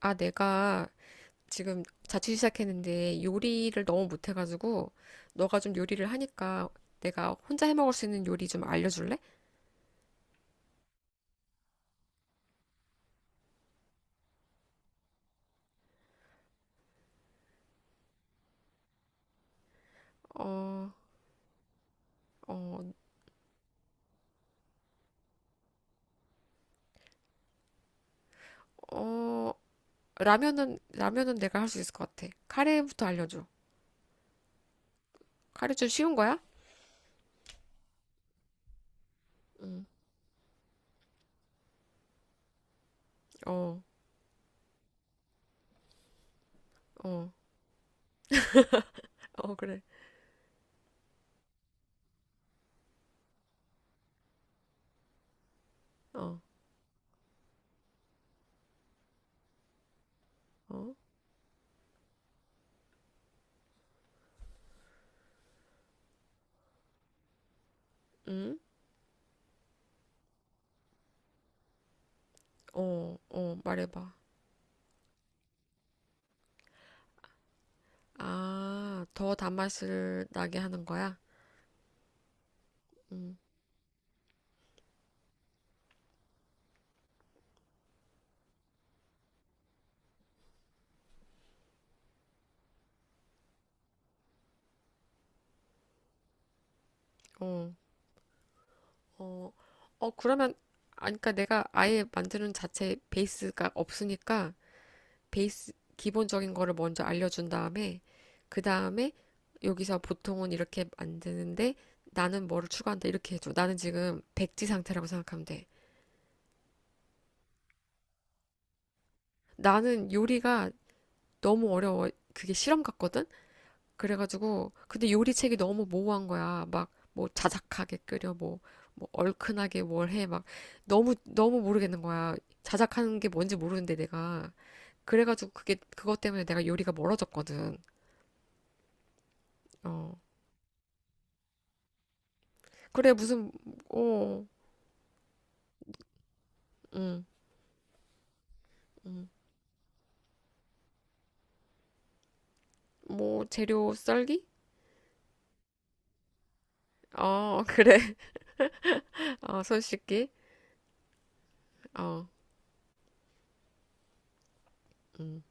아, 내가 지금 자취 시작했는데 요리를 너무 못해가지고 너가 좀 요리를 하니까 내가 혼자 해 먹을 수 있는 요리 좀 알려줄래? 어, 어, 어, 라면은 내가 할 수 있을 것 같아. 카레부터 알려줘. 카레 좀 쉬운 거야? 응, 어, 어, 어, 그래. 어, 어, 응? 어, 어, 말해봐. 아, 더 단맛을 나게 하는 거야? 응, 어. 어, 어, 그러면, 아, 그러니까 내가 아예 만드는 자체 베이스가 없으니까, 베이스, 기본적인 거를 먼저 알려준 다음에, 그 다음에, 여기서 보통은 이렇게 만드는데, 나는 뭐를 추가한다, 이렇게 해줘. 나는 지금 백지 상태라고 생각하면 돼. 나는 요리가 너무 어려워. 그게 실험 같거든? 그래가지고 근데 요리책이 너무 모호한 거야. 막 뭐 자작하게 끓여 뭐, 뭐 얼큰하게 뭘 해. 막 너무 너무 모르겠는 거야. 자작하는 게 뭔지 모르는데 내가 그래가지고 그게 그것 때문에 내가 요리가 멀어졌거든. 어 그래 무슨 어음음뭐 재료 썰기? 어 그래 어손 씻기 어 음.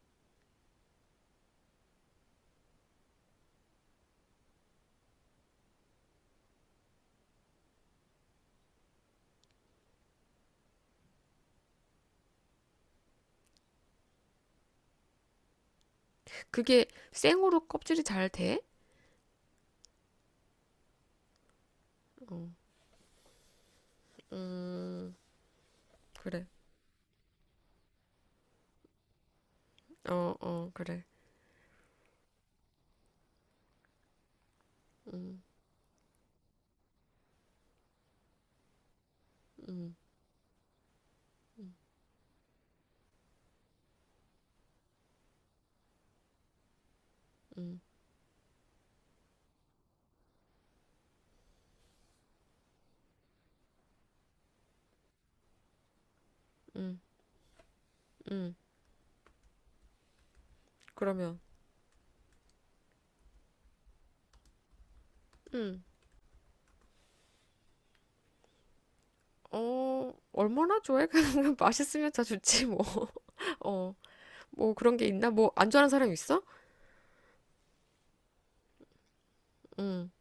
그게 생으로 껍질이 잘 돼? 어, 음, 그래. 어, 어, 그래. 음, 음, 음. 음, 음. 그러면, 음, 어, 얼마나 좋아해? 맛있으면 다 좋지, 뭐. 어, 뭐 그런 게 있나? 뭐, 안 좋아하는 사람 있어? 음,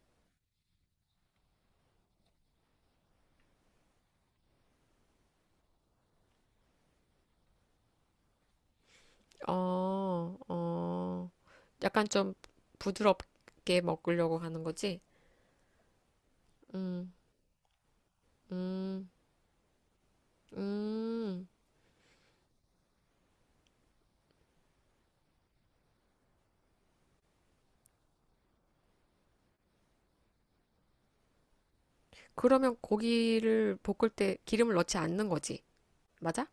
어, 어. 약간 좀 부드럽게 먹으려고 하는 거지? 음, 음, 음. 그러면 고기를 볶을 때 기름을 넣지 않는 거지? 맞아?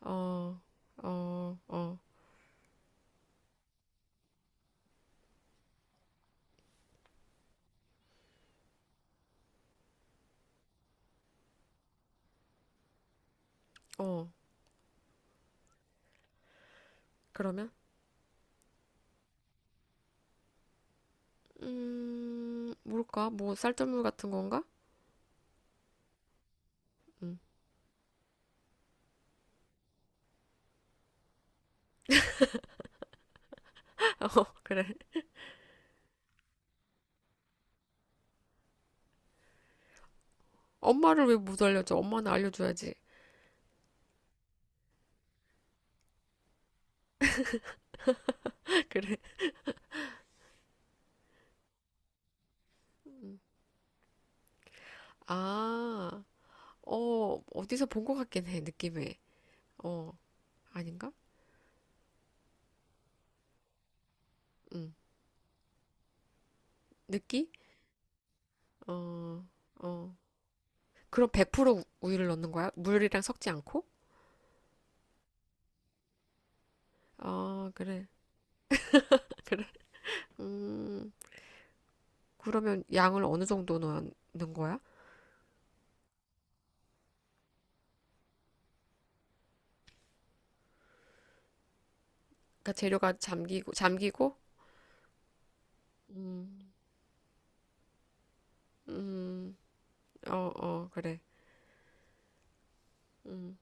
어, 어, 어, 어. 그러면? 뭘까? 뭐, 쌀뜨물 같은 건가? 음. 어, 그래. 엄마를 왜 못 알려줘? 엄마는 알려줘야지. 그래. 음. 아, 어, 어디서 본 것 같긴 해, 느낌에. 어, 아닌가? 음 느끼? 어, 어. 그럼 100% 우유를 넣는 거야? 물이랑 섞지 않고? 아, 그래. 그래. 음, 그러면 양을 어느 정도 넣는 거야? 그러니까 재료가 잠기고, 잠기고? 음, 음, 어, 어, 그래. 음.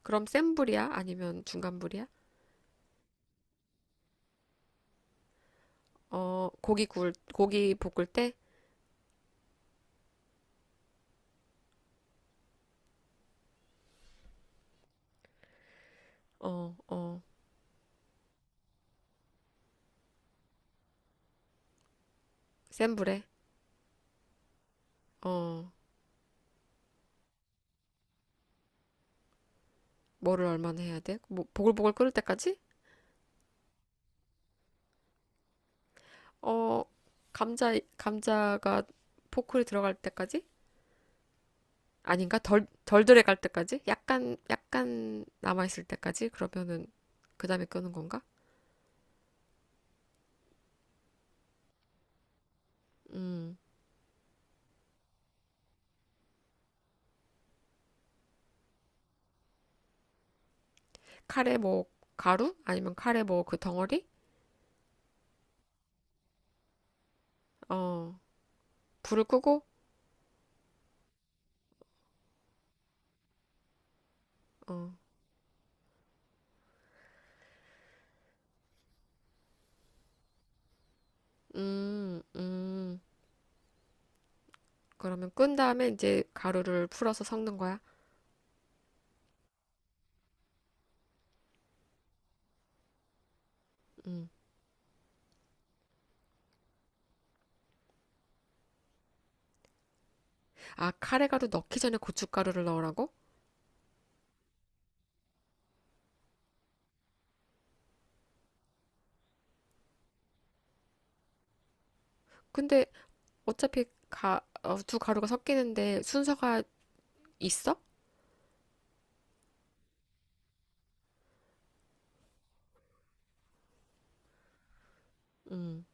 그럼 센 불이야? 아니면 중간 불이야? 어, 고기 구울, 고기 볶을 때, 어, 어, 센 불에, 어, 뭐를 얼마나 해야 돼? 뭐, 보글보글 끓을 때까지? 어, 감자가 포크에 들어갈 때까지? 아닌가? 덜 들어갈 때까지? 약간, 약간 남아있을 때까지? 그러면은, 그 다음에 끄는 건가? 음, 카레 뭐, 가루? 아니면 카레 뭐, 그 덩어리? 어, 불을 끄고, 어, 음, 음. 그러면 끈 다음에 이제 가루를 풀어서 섞는 거야? 음. 아, 카레가루 넣기 전에 고춧가루를 넣으라고? 근데 어차피 두 가루가 섞이는데 순서가 있어? 음.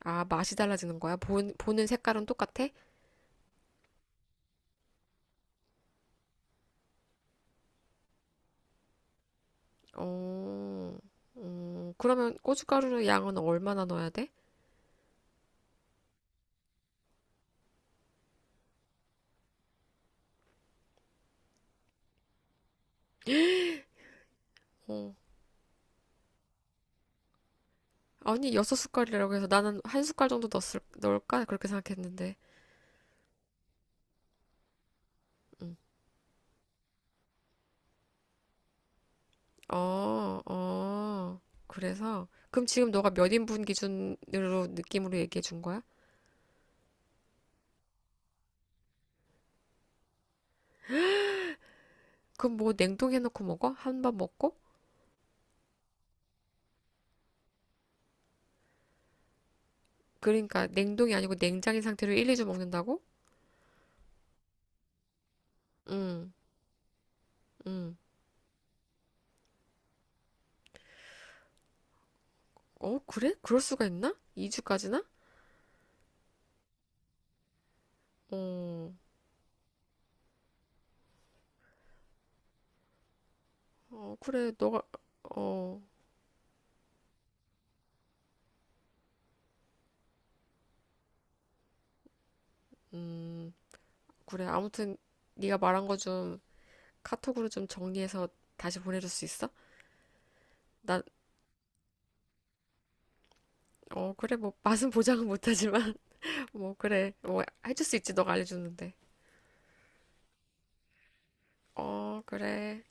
아, 맛이 달라지는 거야? 보는 색깔은 똑같아? 어, 그러면 고춧가루 양은 얼마나 넣어야 돼? 어, 아니, 여섯 숟갈이라고 해서 나는 한 숟갈 정도 넣을까? 그렇게 생각했는데. 음. 어, 어. 그래서, 그럼 지금 너가 몇 인분 기준으로 느낌으로 얘기해 준 거야? 그럼 뭐 냉동해놓고 먹어? 한 번 먹고? 그러니까 냉동이 아니고 냉장인 상태로 1, 2주 먹는다고? 응, 응. 어, 그래? 그럴 수가 있나? 2주까지나? 어, 어, 그래. 너가, 어, 음, 그래. 아무튼 네가 말한 거 좀 카톡으로 좀 정리해서 다시 보내줄 수 있어? 나, 어, 그래. 뭐 맛은 보장은 못하지만 뭐 그래. 뭐 해줄 수 있지. 너가 알려줬는데. 어, 그래.